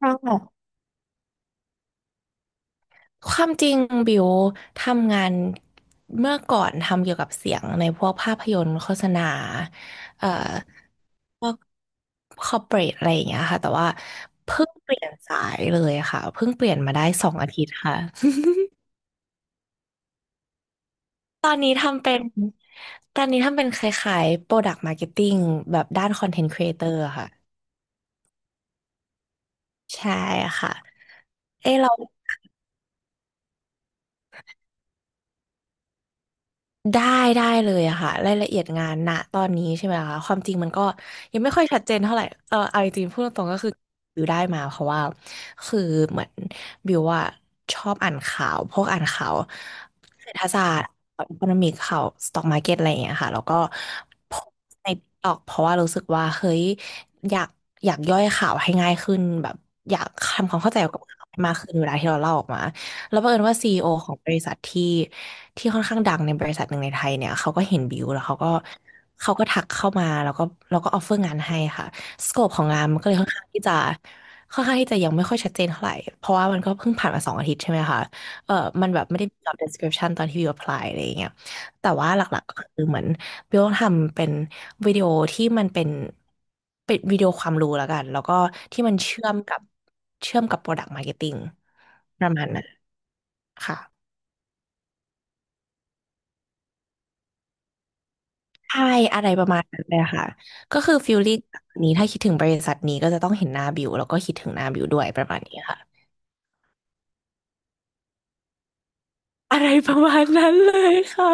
ค่ะความจริงบิวทำงานเมื่อก่อนทำเกี่ยวกับเสียงในพวกภาพยนตร์โฆษณาเอ่อคอร์เปรทอะไรอย่างเงี้ยค่ะแต่ว่าเพิ่งเปลี่ยนสายเลยค่ะเพิ่งเปลี่ยนมาได้สองอาทิตย์ค่ะ ตอนนี้ทำเป็นตอนนี้ทำเป็นคล้ายๆ Product Marketing แบบด้าน Content Creator อะค่ะใช่ค่ะเอ้ยเรา ได้ได้เลยอะค่ะรายละเอียดงานณตอนนี้ใช่ไหมคะความจริงมันก็ยังไม่ค่อยชัดเจนเท่าไหร่เออเอาจริงๆพูดตรงๆก็คือบิวได้มาเพราะว่าคือเหมือนบิวว่าชอบอ่านข่าวพวกอ่านข่าวเศรษฐศาสตร์อีโคโนมิกข่าวสต็อกมาร์เก็ตอะไรอย่างเงี้ยค่ะแล้วก็โพสต์ในตอกเพราะว่ารู้สึกว่าเฮ้ยอยากอยากย่อยข่าวให้ง่ายขึ้นแบบอยากทำความเข้าใจกับข่าวให้มากขึ้นเวลาที่เราเล่าออกมา แล้วบังเอิญว่าซีอีโอของบริษัทที่ค่อนข้างดังในบริษัทหนึ่งในไทยเนี่ยเขาก็เห็นบิวแล้วเขาก็ทักเข้ามาแล้วก็ออฟเฟอร์งานให้ค่ะสโคปของงานมันก็เลยค่อนข้างที่จะค่อนข้างที่จะยังไม่ค่อยชัดเจนเท่าไหร่เพราะว่ามันก็เพิ่งผ่านมาสองอาทิตย์ใช่ไหมคะเออมันแบบไม่ได้มี job description ตอนที่บิว apply อะไรอย่างเงี้ยแต่ว่าหลักๆก็คือเหมือนบิวต้องทำเป็นวิดีโอที่มันเป็นวิดีโอความรู้แล้วกันแล้วก็ที่มันเชื่อมกับ product marketing ประมาณนั้น ค่ะใช่อะไรประมาณนั้นเลยค่ะก็คือฟิลลิ่งแบบนี้ถ้าคิดถึงบริษัทนี้ก็จะต้องเห็นหน้าบิวแล้วก็คิดถึงหน้าบิวด้วยประมาณนี้ค่ะอะไรประมาณนั้นเลยค่ะ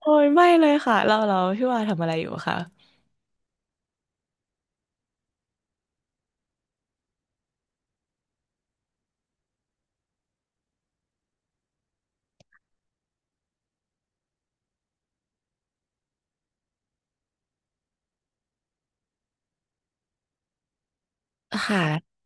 โอ้ยไม่เลยค่ะเราเราพี่ว่าทำอะไรอยู่คะค่ะ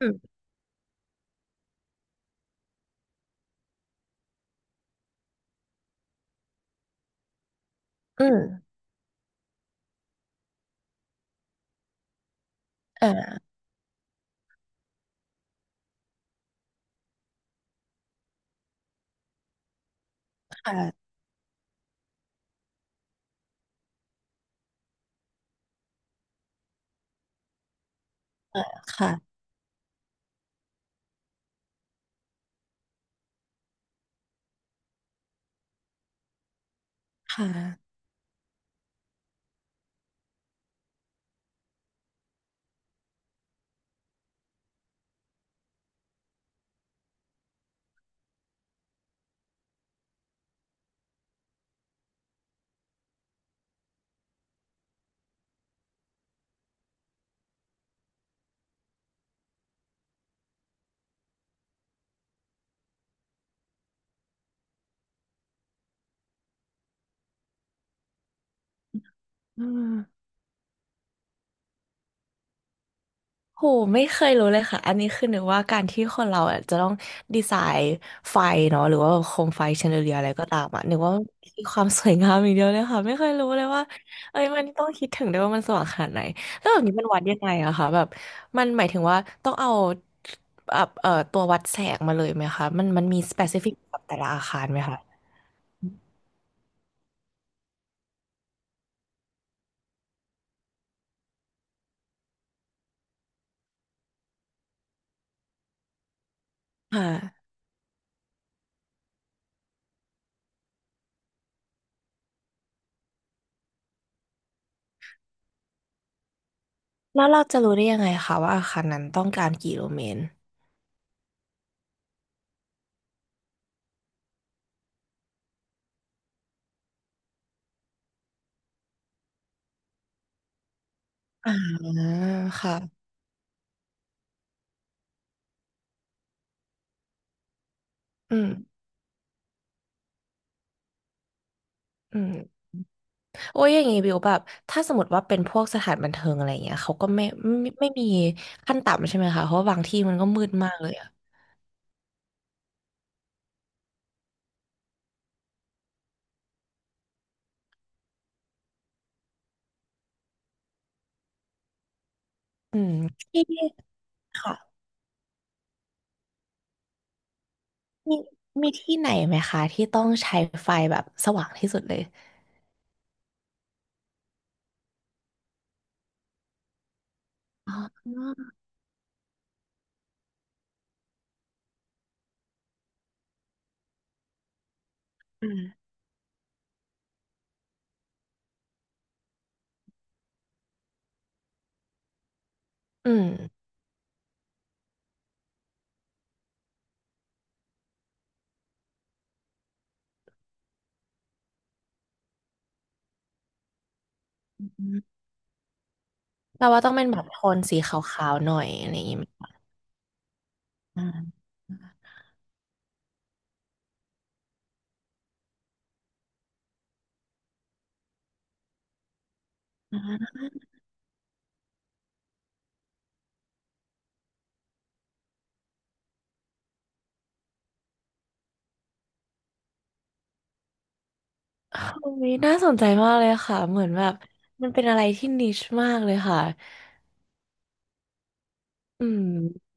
อืมอืมเออค่ะค่ะค่ะอืม โหไม่เคยรู้เลยค่ะอันนี้คือนึกว่าการที่คนเราอะจะต้องดีไซน์ไฟเนาะหรือว่าแบบโคมไฟแชนเดอเลียอะไรก็ตามอ่ะนึกว่ามันคือความสวยงามอย่างเดียวเลยค่ะไม่เคยรู้เลยว่าเอ้ยมันต้องคิดถึงด้วยว่ามันสว่างขนาดไหนแล้วแบบนี้มันวัดยังไงอะคะแบบมันหมายถึงว่าต้องเอาแบบตัววัดแสงมาเลยไหมคะมันมีสเปซิฟิกกับแต่ละอาคารไหมคะค่ะแล้วเราจะรู้ได้ยังไงคะว่าอาคารนั้นต้องการกี่โลเมตรอ่าค่ะอืมอืม โอ้ยอย่างงี้บิวแบบถ้าสมมติว่าเป็นพวกสถานบันเทิงอะไรอย่างเงี้ยเขาก็ไม่ไม่มีขั้นต่ำใช่ไหมคะเพราะว่าบางที่มันก็มืดมากเลยอะอืมที่ค่ะมีมีที่ไหนไหมคะที่ต้องใช้ไฟแบบสว่างที่สุดเลยอ๋ออืมอืมอืมแปลว่าต้องเป็นแบบโทนสีขาวๆหน่อยอะไรอย่างงี้ไหมอมอืมโอ้ยน่าสนใจมากเลยค่ะเหมือนแบบมันเป็นอะไรที่นิชมากเลยค่ะอืม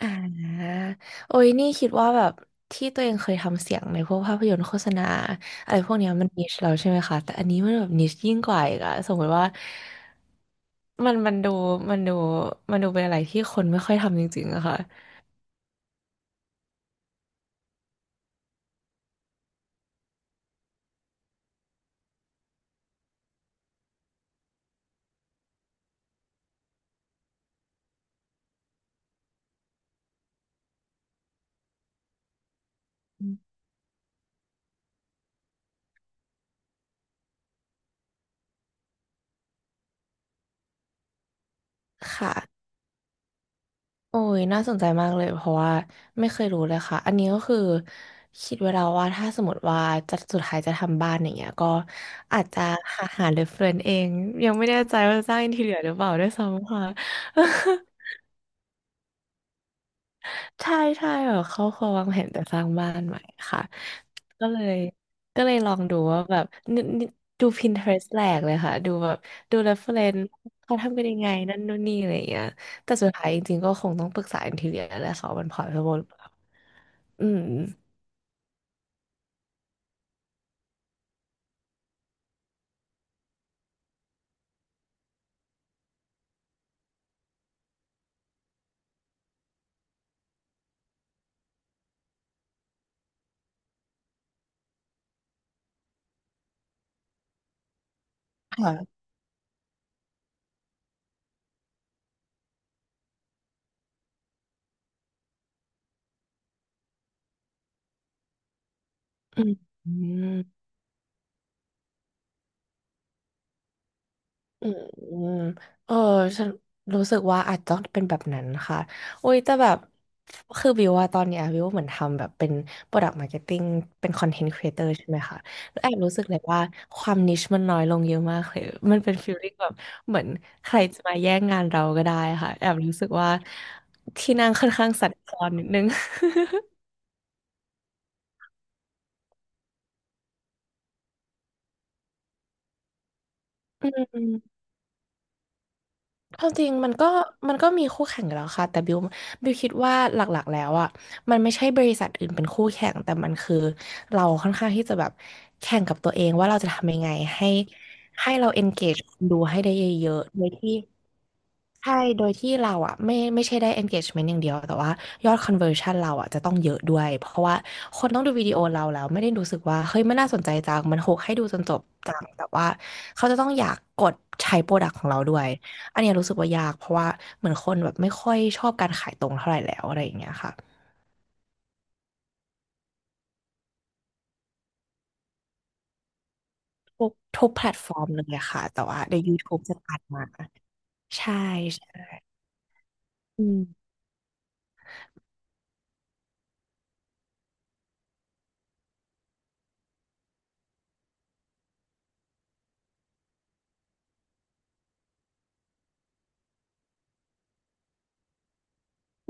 อ่าโอ้ยนี่คิดว่าแบบที่ตัวเองเคยทำเสียงในพวกภาพยนตร์โฆษณาอะไรพวกเนี้ยมันนิชเราใช่ไหมคะแต่อันนี้มันแบบนิชยิ่งกว่าอีกอะสมมติว่ามันมันดูมันดูมันดูเป็นอะไรที่คนไม่ค่อยทำจริงๆอะค่ะค่ะ โอ้ยน่าสนใจมากเลยเพราะว่าไม่เคยรู้เลยค่ะอันนี้ก็คือคิดไว้แล้วว่าถ้าสมมติว่าจะสุดท้ายจะทำบ้านอย่างเงี้ยก็อาจจะหาเรฟเฟรนซ์เองยังไม่แน่ใจว่าจะสร้างอินทีเรียหรือเปล่าด้วยซ้ำค่ะ ใช่ใช่แบบเขาควรวางแผนจะสร้างบ้านใหม่ค่ะก็เลยลองดูว่าแบบนินิดู Pinterest แหลกเลยค่ะดูแบบดูเรฟเฟรนซ์เขาทำกันยังไงนั่นนู่นนี่อะไรอย่างเงี้ยแต่สุดท้ายจริงๆก็คงต้องปรึกษาอินทีเรียแหละค่ะว่ามันพอรตเทเบิล อืมค่ะอืมอืมอืมอืมเออฉันรู้สึกว่าอาจจะต้องเป็นแบบนั้นค่ะโอ้ยแต่แบบคือวิวว่าตอนเนี้ยวิวเหมือนทำแบบเป็น Product Marketing เป็น Content Creator ใช่ไหมคะแล้วแอบรู้สึกเลยว่าความนิชมันน้อยลงเยอะมากเลยมันเป็นฟีลลิ่งแบบเหมือนใครจะมาแย่งงานเราก็ได้ค่ะแอบรู้สึกว่าที่นั่งค่อนข้างสั่นคลอนนิดนึง ความจริงมันก็มีคู่แข่งอยู่แล้วค่ะแต่บิวคิดว่าหลักๆแล้วอ่ะมันไม่ใช่บริษัทอื่นเป็นคู่แข่งแต่มันคือเราค่อนข้างที่จะแบบแข่งกับตัวเองว่าเราจะทำยังไงให้ให้เรา engage คนดูให้ได้เยอะๆโดยที่ ใช่โดยที่เราอะไม่ใช่ได้ engagement อย่างเดียว แต่ว่ายอด conversion เราอะจะต้องเยอะด้วย เพราะว่าคนต้องดูวิดีโอเราแล้วไม่ได้รู้สึกว่าเฮ้ยมันน่าสนใจจังมันโฮกให้ดูจนจบจังแต่ว่าเขาจะต้องอยากกดใช้โปรดักต์ของเราด้วยอันเนี้ยรู้สึกว่ายากเพราะว่าเหมือนคนแบบไม่ค่อยชอบการขายตรงเท่าไหร่แล้วอะไรอย่างเงี้ยค่ะทุกทุกแพลตฟอร์มเลยอะค่ะแต่ว่าใน YouTube จะตัดมาใช่ใช่อืม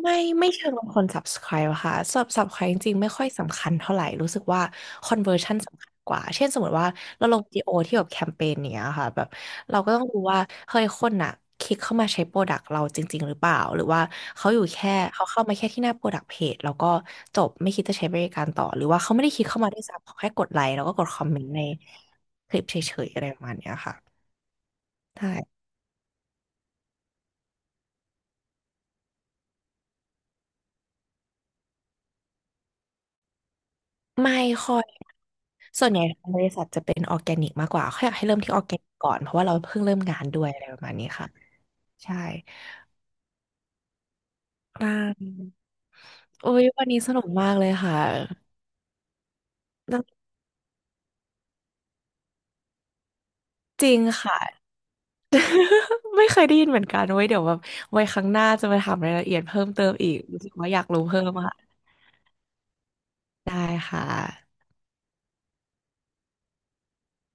ไม่ไม่เชิงลงคน subscribe อะค่ะ subscribe จริงๆไม่ค่อยสำคัญเท่าไหร่รู้สึกว่า conversion สำคัญกว่าเช่นสมมติว่าเราลงวิดีโอที่แบบแคมเปญเนี้ยค่ะแบบเราก็ต้องดูว่าเฮ้ยคนน่ะคลิกเข้ามาใช้โปรดักต์เราจริงๆหรือเปล่าหรือว่าเขาอยู่แค่เขาเข้ามาแค่ที่หน้าโปรดักต์เพจแล้วก็จบไม่คิดจะใช้บริการต่อหรือว่าเขาไม่ได้คลิกเข้ามาด้วยซ้ำเขาแค่กดไลค์แล้วก็กดคอมเมนต์ในคลิปเฉยๆอะไรประมาณเนี้ยค่ะใช่ ไม่ค่อย ส่วนใหญ่างบริษัทจะเป็นออร์แกนิกมากกว่าเขาอยากให้เริ่มที่ออร์แกนิกก่อน เพราะว่าเราเพิ่งเริ่มงานด้วยอะไรประมาณนี้ค่ะใช่นาโอ้ยวันนี้สนุกมากเลยค่ะ จริงค่ะ ไม่เคยได้ยินเหมือนกันโว้ย เดี๋ยวแบบไว้ครั้งหน้าจะมาถามรายละเอียดเพิ่มเติมอีกรู้สึกว่าอยากรู้เพิ่มค่ะได้ค่ะ